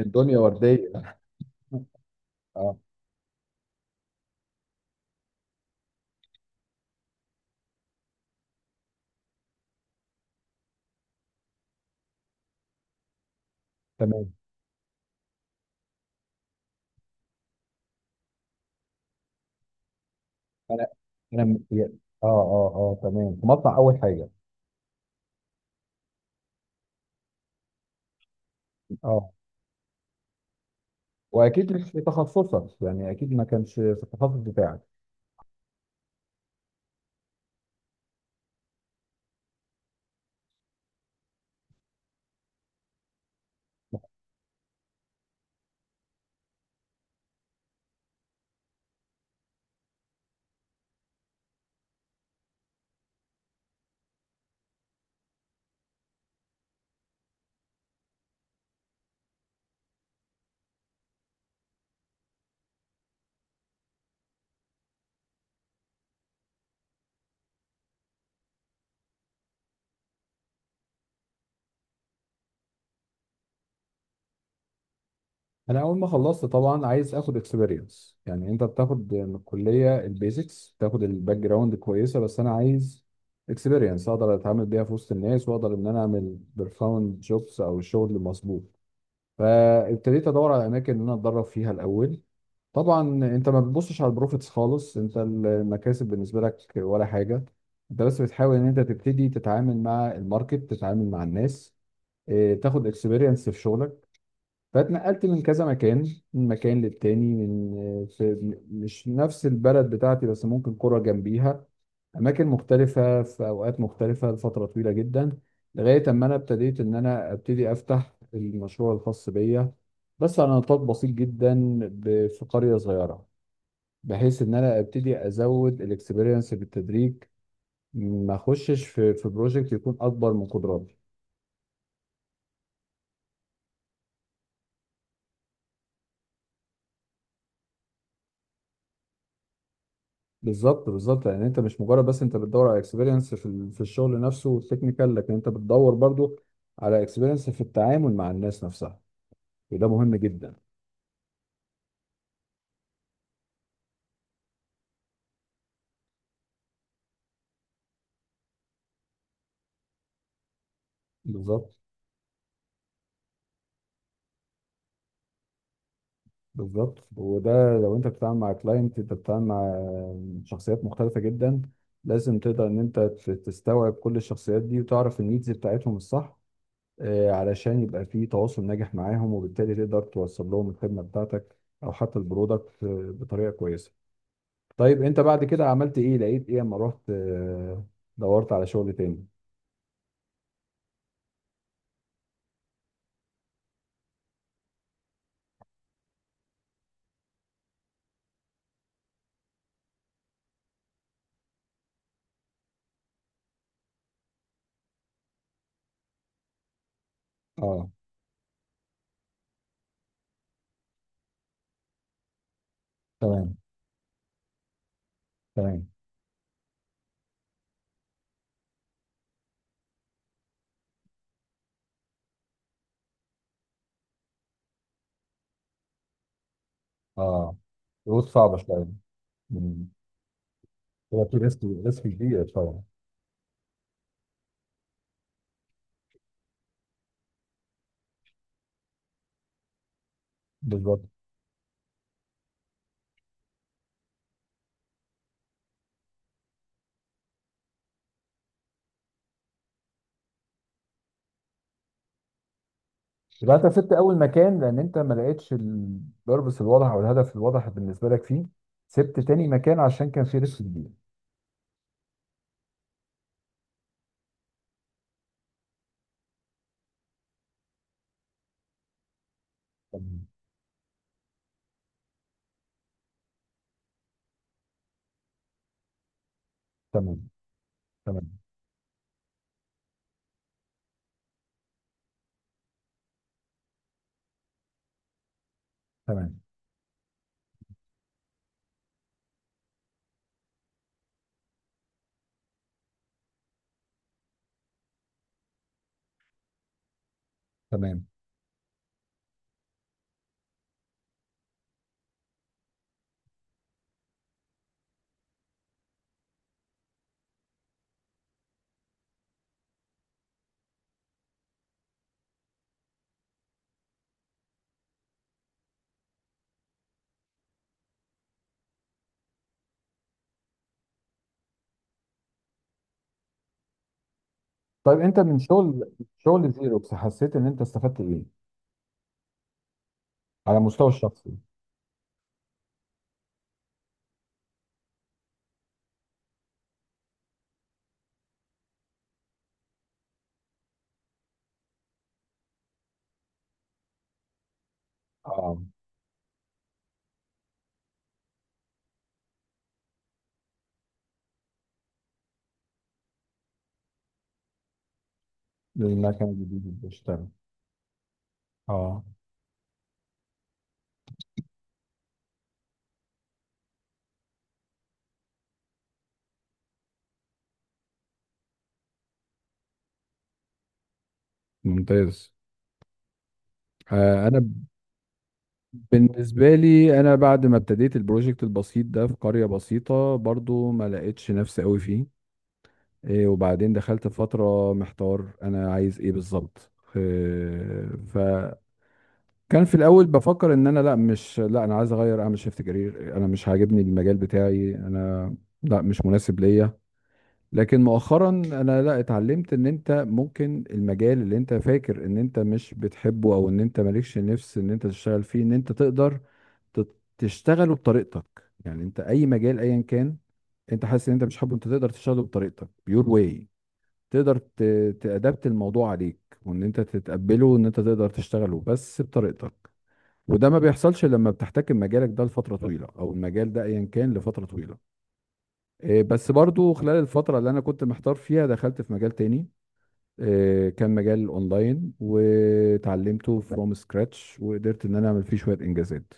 الدنيا وردية. اه. تمام. انا انا اه تمام، في مصنع اول حاجة. اه، واكيد مش في تخصصك، يعني اكيد ما كانش في التخصص بتاعك. انا اول ما خلصت طبعا عايز اخد اكسبيرينس. يعني انت بتاخد من الكلية البيزكس، بتاخد الباك جراوند كويسة، بس انا عايز اكسبيرينس اقدر اتعامل بيها في وسط الناس، واقدر ان انا اعمل بيرفورم جوبس او الشغل المظبوط. فابتديت ادور على اماكن ان انا اتدرب فيها الاول. طبعا انت ما بتبصش على البروفيتس خالص، انت المكاسب بالنسبه لك ولا حاجه. انت بس بتحاول ان انت تبتدي تتعامل مع الماركت، تتعامل مع الناس، اه، تاخد اكسبيرينس في شغلك. فاتنقلت من كذا مكان، من مكان للتاني، من اه، في مش نفس البلد بتاعتي، بس ممكن قرى جنبيها، اماكن مختلفه في اوقات مختلفه لفتره طويله جدا، لغايه اما انا ابتديت ان انا ابتدي افتح المشروع الخاص بيا، بس على نطاق بسيط جدا في قريه صغيره، بحيث ان انا ابتدي ازود الاكسبيرينس بالتدريج، ما اخشش في بروجكت يكون اكبر من قدراتي. بالظبط بالظبط، يعني انت مش مجرد بس انت بتدور على اكسبيرينس في الشغل نفسه والتكنيكال، لكن انت بتدور برضو على اكسبيرينس في التعامل مع الناس نفسها، وده مهم جدا. بالظبط بالظبط، وده لو انت بتتعامل مع كلاينت، انت بتتعامل مع شخصيات مختلفة جدا، لازم تقدر ان انت تستوعب كل الشخصيات دي وتعرف النيدز بتاعتهم الصح، علشان يبقى في تواصل ناجح معاهم، وبالتالي تقدر توصل لهم الخدمة بتاعتك او حتى البرودكت بطريقة كويسة. طيب، انت بعد كده عملت ايه؟ لقيت ايه اما رحت دورت على شغل تاني؟ اه. تمام. تمام. اه. ضغوط صعبه شويه. مم. هو في ريسك، ريسك كبير طبعا. بالظبط. يبقى انت سبت اول مكان لان انت ما لقيتش البربس الواضح او الهدف الواضح بالنسبه لك فيه، سبت تاني مكان عشان كان في ريسك كبير. تمام. تمام. تمام. تمام. تمام. طيب، انت من شغل شغل زيروكس حسيت ان انت استفدت ايه على المستوى الشخصي؟ اه. للمكان الجديد اللي بشتغل. اه. ممتاز. آه، انا بالنسبه لي انا بعد ما ابتديت البروجكت البسيط ده في قريه بسيطه برضو ما لقيتش نفسي قوي فيه. إيه، وبعدين دخلت في فترة محتار، أنا عايز إيه بالظبط؟ إيه، فكان في الأول بفكر إن أنا لا، مش لا، أنا عايز أغير، أعمل شيفت كارير، أنا مش عاجبني المجال بتاعي أنا، لا مش مناسب ليا. لكن مؤخرا أنا، لا، اتعلمت إن أنت ممكن المجال اللي أنت فاكر إن أنت مش بتحبه أو إن أنت مالكش نفس إن أنت تشتغل فيه، إن أنت تقدر تشتغله بطريقتك. يعني أنت أي مجال أيا كان، أنت حاسس إن أنت مش حابه، أنت تقدر تشتغله بطريقتك، يور واي. تقدر تأدبت الموضوع عليك، وان انت تتقبله وان انت تقدر تشتغله بس بطريقتك. وده ما بيحصلش لما بتحتكم مجالك ده لفترة طويلة او المجال ده ايا كان لفترة طويلة. إيه، بس برضو خلال الفترة اللي انا كنت محتار فيها دخلت في مجال تاني. إيه، كان مجال اونلاين وتعلمته فروم سكراتش، وقدرت ان انا اعمل فيه شوية انجازات.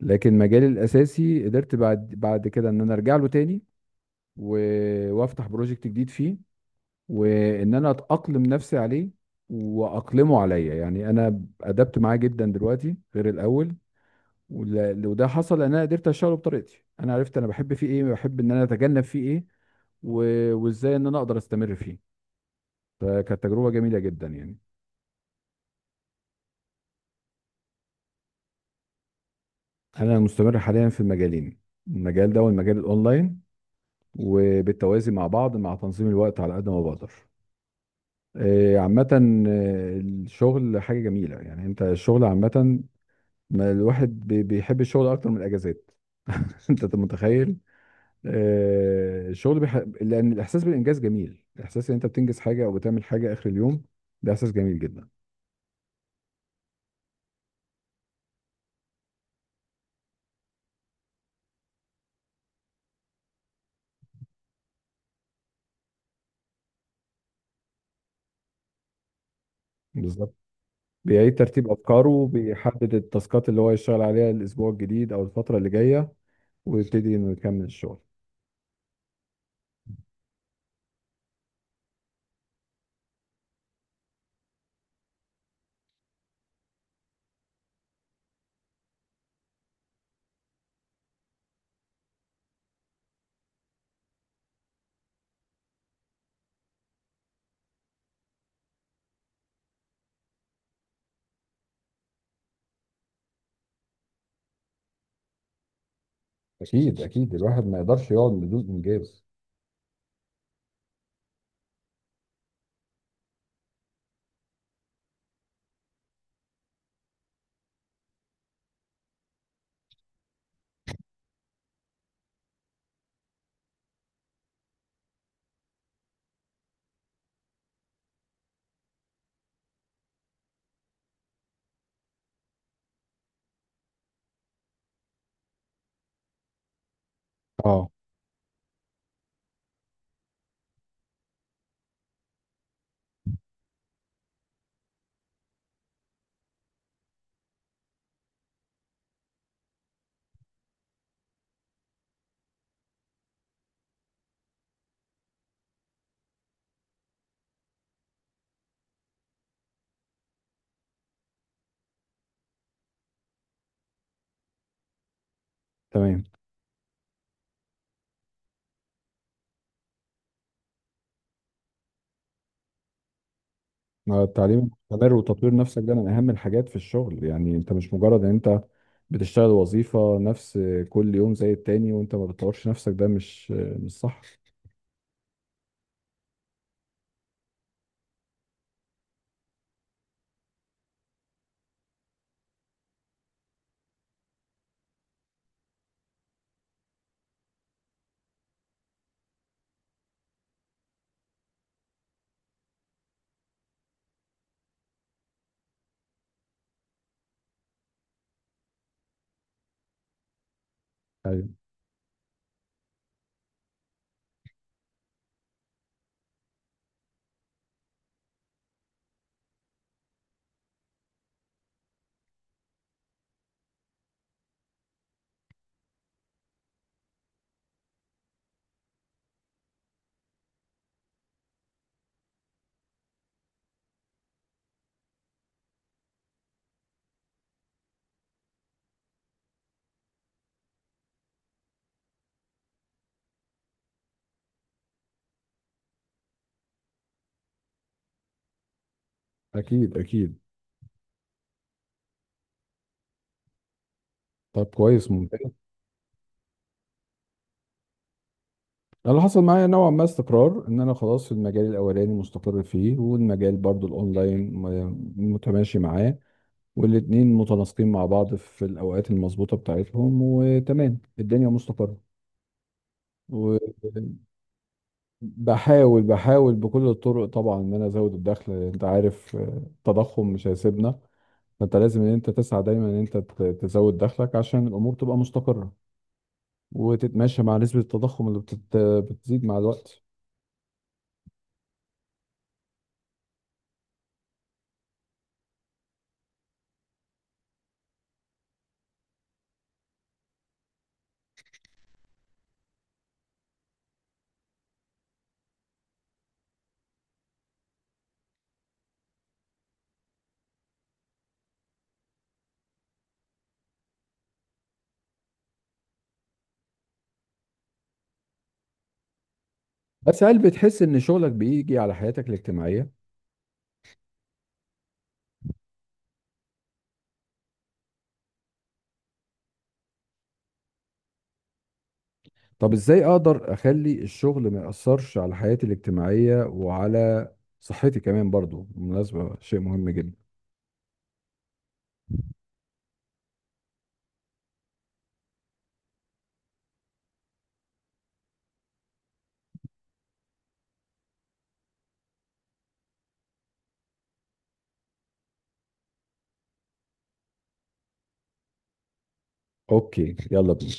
لكن مجالي الاساسي قدرت بعد كده ان انا ارجع له تاني، وافتح بروجكت جديد فيه، وان انا اتاقلم نفسي عليه واقلمه عليا، يعني انا ادبت معاه جدا دلوقتي غير الاول. وده حصل لان انا قدرت اشتغله بطريقتي، انا عرفت انا بحب فيه ايه، بحب ان انا اتجنب فيه ايه، وازاي ان انا اقدر استمر فيه. فكانت تجربه جميله جدا يعني. انا مستمر حاليا في المجالين، المجال ده والمجال الاونلاين، وبالتوازي مع بعض مع تنظيم الوقت على قد ما بقدر. عامة، الشغل حاجة جميلة. يعني انت الشغل عامة، ما الواحد بيحب الشغل اكتر من الاجازات. انت متخيل؟ آه، الشغل بيح... لان الاحساس بالانجاز جميل، الاحساس ان انت بتنجز حاجه او بتعمل حاجه اخر اليوم، ده احساس جميل جدا. بالظبط. بيعيد ترتيب افكاره، بيحدد التاسكات اللي هو يشتغل عليها الاسبوع الجديد او الفتره اللي جايه، ويبتدي انه يكمل الشغل. اكيد اكيد، الواحد ما يقدرش يقعد بدون انجاز. اه. تمام. التعليم المستمر وتطوير نفسك ده من أهم الحاجات في الشغل. يعني أنت مش مجرد إن أنت بتشتغل وظيفة، نفس كل يوم زي التاني، وأنت ما بتطورش نفسك، ده مش، مش صح. أيوة. أكيد أكيد. طب كويس، ممتاز. أنا اللي حصل معايا نوعا ما استقرار، إن أنا خلاص في المجال الأولاني مستقر فيه، والمجال برضو الأونلاين متماشي معاه، والاتنين متناسقين مع بعض في الأوقات المظبوطة بتاعتهم، وتمام الدنيا مستقرة. بحاول بحاول بكل الطرق طبعا ان انا ازود الدخل، لأن انت عارف، التضخم مش هيسيبنا، فانت لازم ان انت تسعى دايما ان انت تزود دخلك عشان الامور تبقى مستقرة وتتماشى مع نسبة التضخم اللي بتزيد مع الوقت. بس هل بتحس ان شغلك بيجي على حياتك الاجتماعية؟ طب ازاي اقدر اخلي الشغل ما يأثرش على حياتي الاجتماعية وعلى صحتي كمان برضو، بالمناسبة شيء مهم جدا؟ اوكي، يلا بينا.